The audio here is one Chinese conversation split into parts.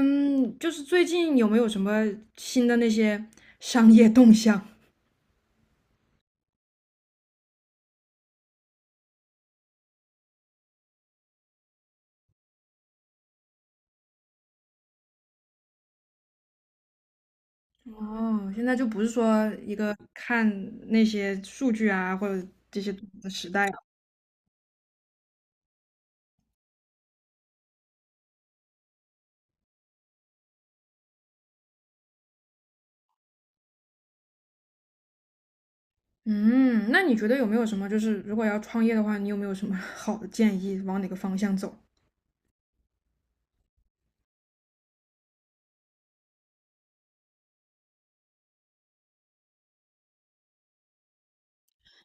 嗯，就是最近有没有什么新的那些商业动向？哦，现在就不是说一个看那些数据啊，或者这些的时代了。嗯，那你觉得有没有什么，就是如果要创业的话，你有没有什么 好的建议，往哪个方向走？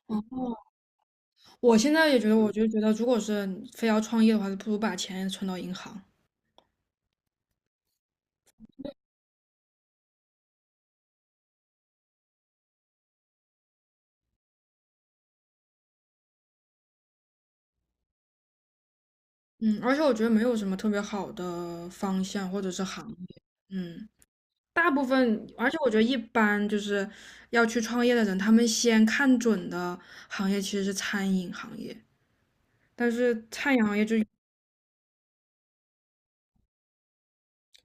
哦，我现在也觉得，我就觉得，如果是非要创业的话，就不如把钱存到银行。嗯，而且我觉得没有什么特别好的方向或者是行业。嗯。大部分，而且我觉得一般就是要去创业的人，他们先看准的行业其实是餐饮行业，但是餐饮行业就，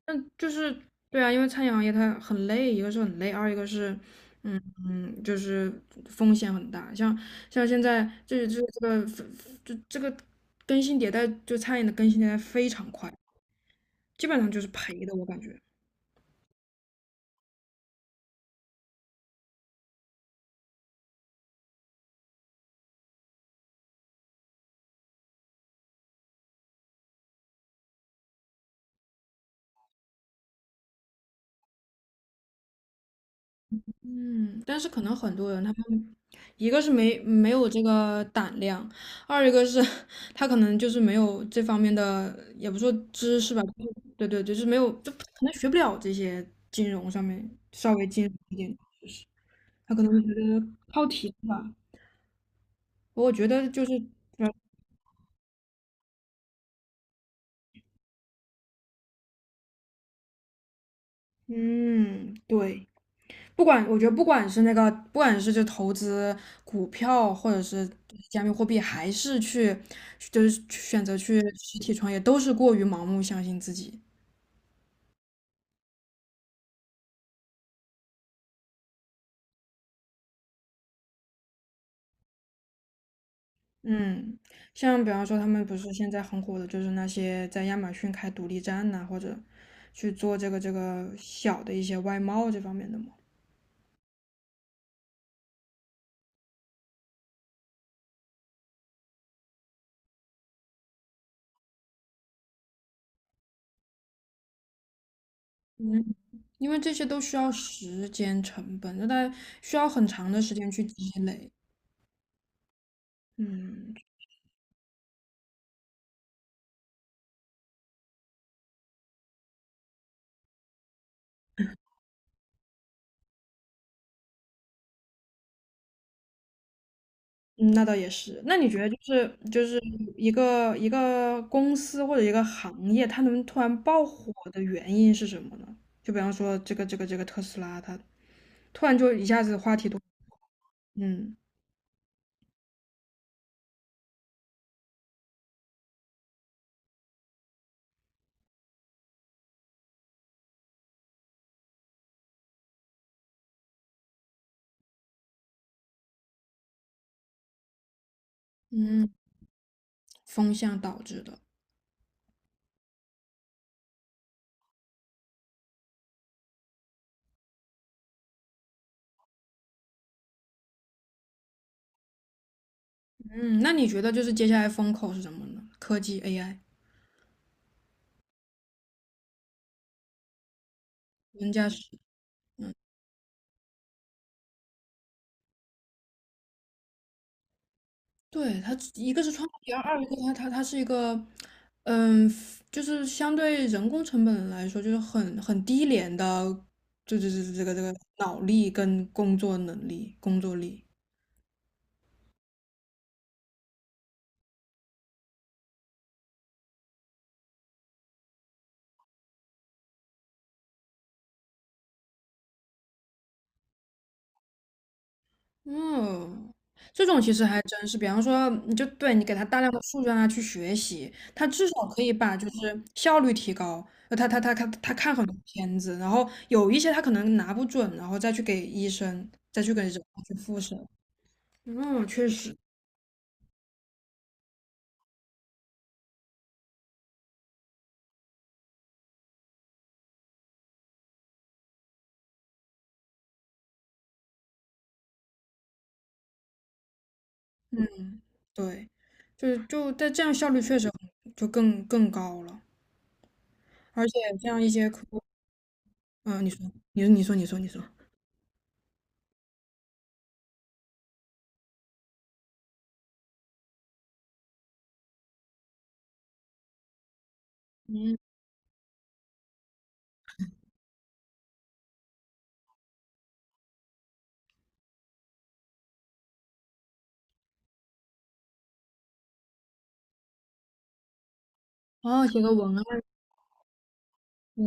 但就是对啊，因为餐饮行业它很累，一个是很累，二一个是，嗯嗯，就是风险很大。像现在这这这个就这个更新迭代，就餐饮的更新迭代非常快，基本上就是赔的，我感觉。嗯，但是可能很多人他们，一个是没有这个胆量，二一个是 他可能就是没有这方面的，也不说知识吧，就是对对，就是没有，就可能学不了这些金融上面稍微金融一点，他可能会觉得靠题吧。我觉得就是，嗯，对。不管我觉得不管是那个，不管是就投资股票，或者是加密货币，还是去就是去选择去实体创业，都是过于盲目相信自己。嗯，像比方说他们不是现在很火的，就是那些在亚马逊开独立站呐、或者去做这个小的一些外贸这方面的嘛。嗯，因为这些都需要时间成本，那它需要很长的时间去积累。嗯。嗯，那倒也是。那你觉得就是一个公司或者一个行业，它能突然爆火的原因是什么呢？就比方说这个特斯拉，它突然就一下子话题多，嗯嗯，风向导致的。嗯，那你觉得就是接下来风口是什么呢？科技、AI、人家是。嗯对，它一个是创意，而二一个它是一个，嗯，就是相对人工成本来说，就是很低廉的，就是这个脑力跟工作能力、工作力。嗯，这种其实还真是，比方说，你就对你给他大量的数据让他去学习，他至少可以把就是效率提高。他看很多片子，然后有一些他可能拿不准，然后再去给医生，再去给人去复审。嗯，确实。对，就是就但这样效率确实很就更高了，而且像一些课，嗯、你说，你说，你说，你说，你说，嗯，哦，写个文案，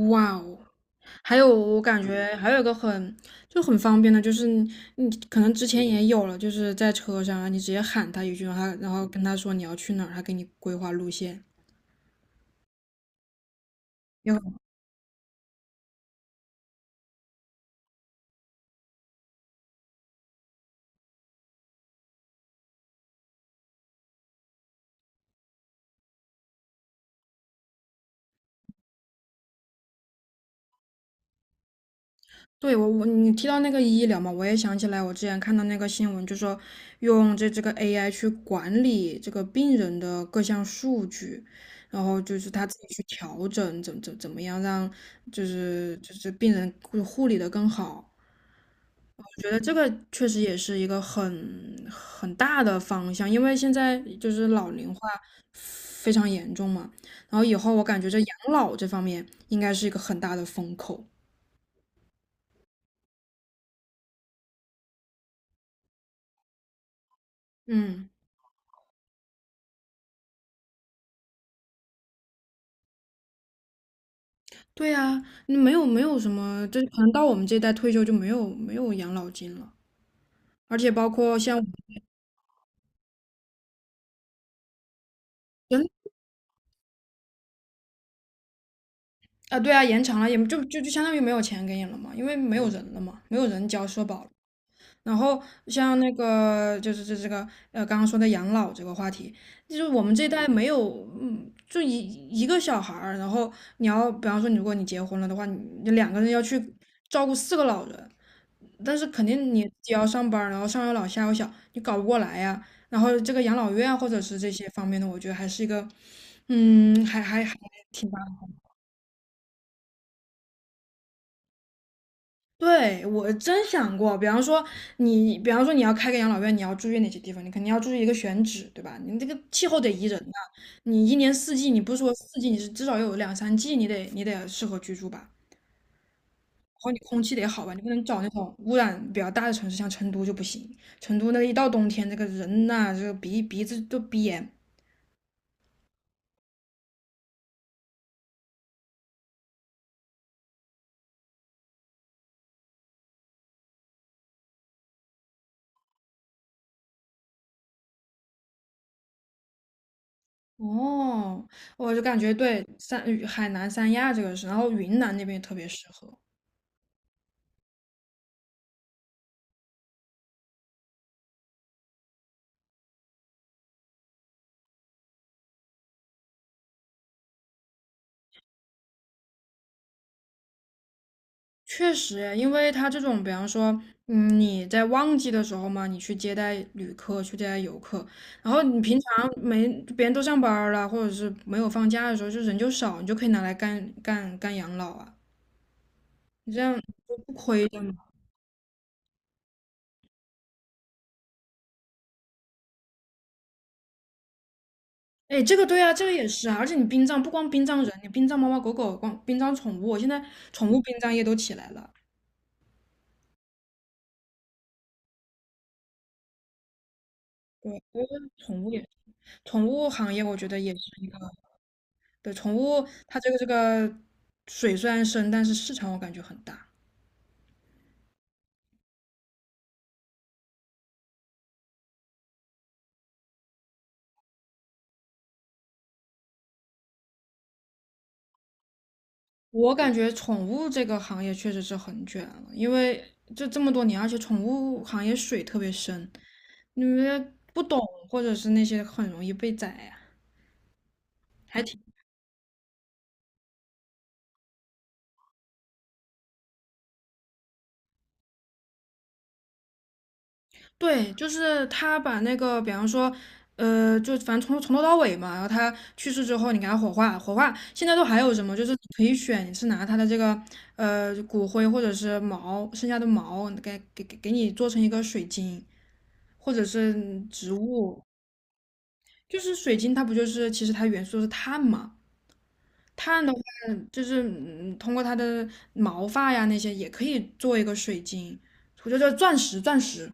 哇哦，还有我感觉还有一个很就很方便的，就是你可能之前也有了，就是在车上啊，你直接喊他一句，然后他然后跟他说你要去哪儿，他给你规划路线。对我你提到那个医疗嘛，我也想起来，我之前看到那个新闻，就说用这个 AI 去管理这个病人的各项数据，然后就是他自己去调整，怎么样让就是病人护理的更好。我觉得这个确实也是一个很大的方向，因为现在就是老龄化非常严重嘛，然后以后我感觉这养老这方面应该是一个很大的风口。嗯。对呀，你没有没有什么，就是可能到我们这一代退休就没有没有养老金了，而且包括像我人啊，对啊，延长了也就相当于没有钱给你了嘛，因为没有人了嘛，没有人交社保了。然后像那个就是这个刚刚说的养老这个话题，就是我们这一代没有嗯，就一个小孩儿，然后你要比方说你如果你结婚了的话，你2个人要去照顾4个老人，但是肯定你自己要上班儿然后上有老下有小，你搞不过来呀。然后这个养老院或者是这些方面的，我觉得还是一个，嗯，还挺大。对，我真想过，比方说你，比方说你要开个养老院，你要注意哪些地方？你肯定要注意一个选址，对吧？你这个气候得宜人呐、你一年四季，你不是说四季，你是至少有两三季，你得适合居住吧？然后你空气得好吧，你不能找那种污染比较大的城市，像成都就不行。成都那一到冬天，这个人呐、这个鼻子都鼻炎。哦，我就感觉对三呃海南三亚这个是，然后云南那边也特别适合。确实，因为它这种，比方说，嗯，你在旺季的时候嘛，你去接待旅客，去接待游客，然后你平常没别人都上班儿了，或者是没有放假的时候，就人就少，你就可以拿来干养老啊，你这样就不亏的哎，这个对啊，这个也是啊，而且你殡葬不光殡葬人，你殡葬猫猫狗狗，光殡葬宠物，现在宠物殡葬业都起来了。对，我觉得宠物也，宠物行业我觉得也是一个，对，宠物它这个水虽然深，但是市场我感觉很大。我感觉宠物这个行业确实是很卷了，因为这么多年，而且宠物行业水特别深，你们不懂或者是那些很容易被宰呀、还挺。对，就是他把那个，比方说，就反正从头到尾嘛，然后他去世之后，你给他火化，火化现在都还有什么？就是你可以选，你是拿他的这个骨灰或者是毛，剩下的毛给你做成一个水晶，或者是植物。就是水晶，它不就是其实它元素是碳嘛？碳的话，就是通过它的毛发呀那些也可以做一个水晶，我觉得钻石，钻石。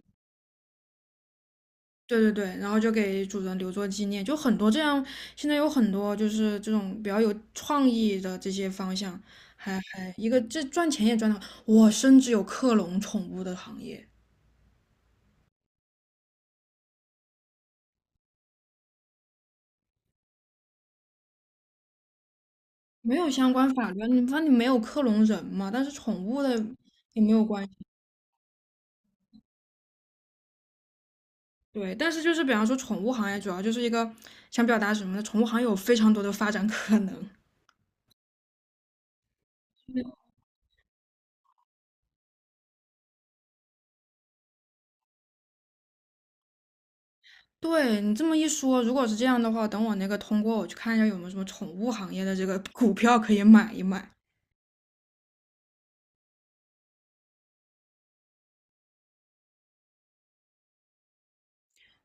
对对对，然后就给主人留作纪念，就很多这样，现在有很多就是这种比较有创意的这些方向，还一个这赚钱也赚得好，我甚至有克隆宠物的行业，没有相关法律啊你反正你没有克隆人嘛，但是宠物的也没有关系，对，但是就是比方说宠物行业主要就是一个想表达什么呢？宠物行业有非常多的发展可能。对你这么一说，如果是这样的话，等我那个通过，我去看一下有没有什么宠物行业的这个股票可以买一买。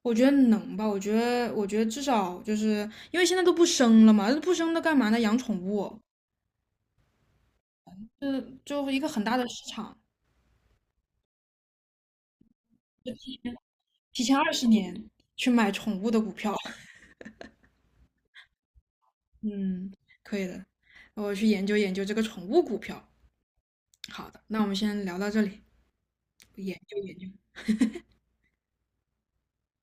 我觉得能吧，我觉得，我觉得至少就是因为现在都不生了嘛，不生那干嘛呢？养宠物，就是就一个很大的市场，提前20年去买宠物的股票，嗯，可以的，我去研究研究这个宠物股票。好的，那我们先聊到这里，研究研究。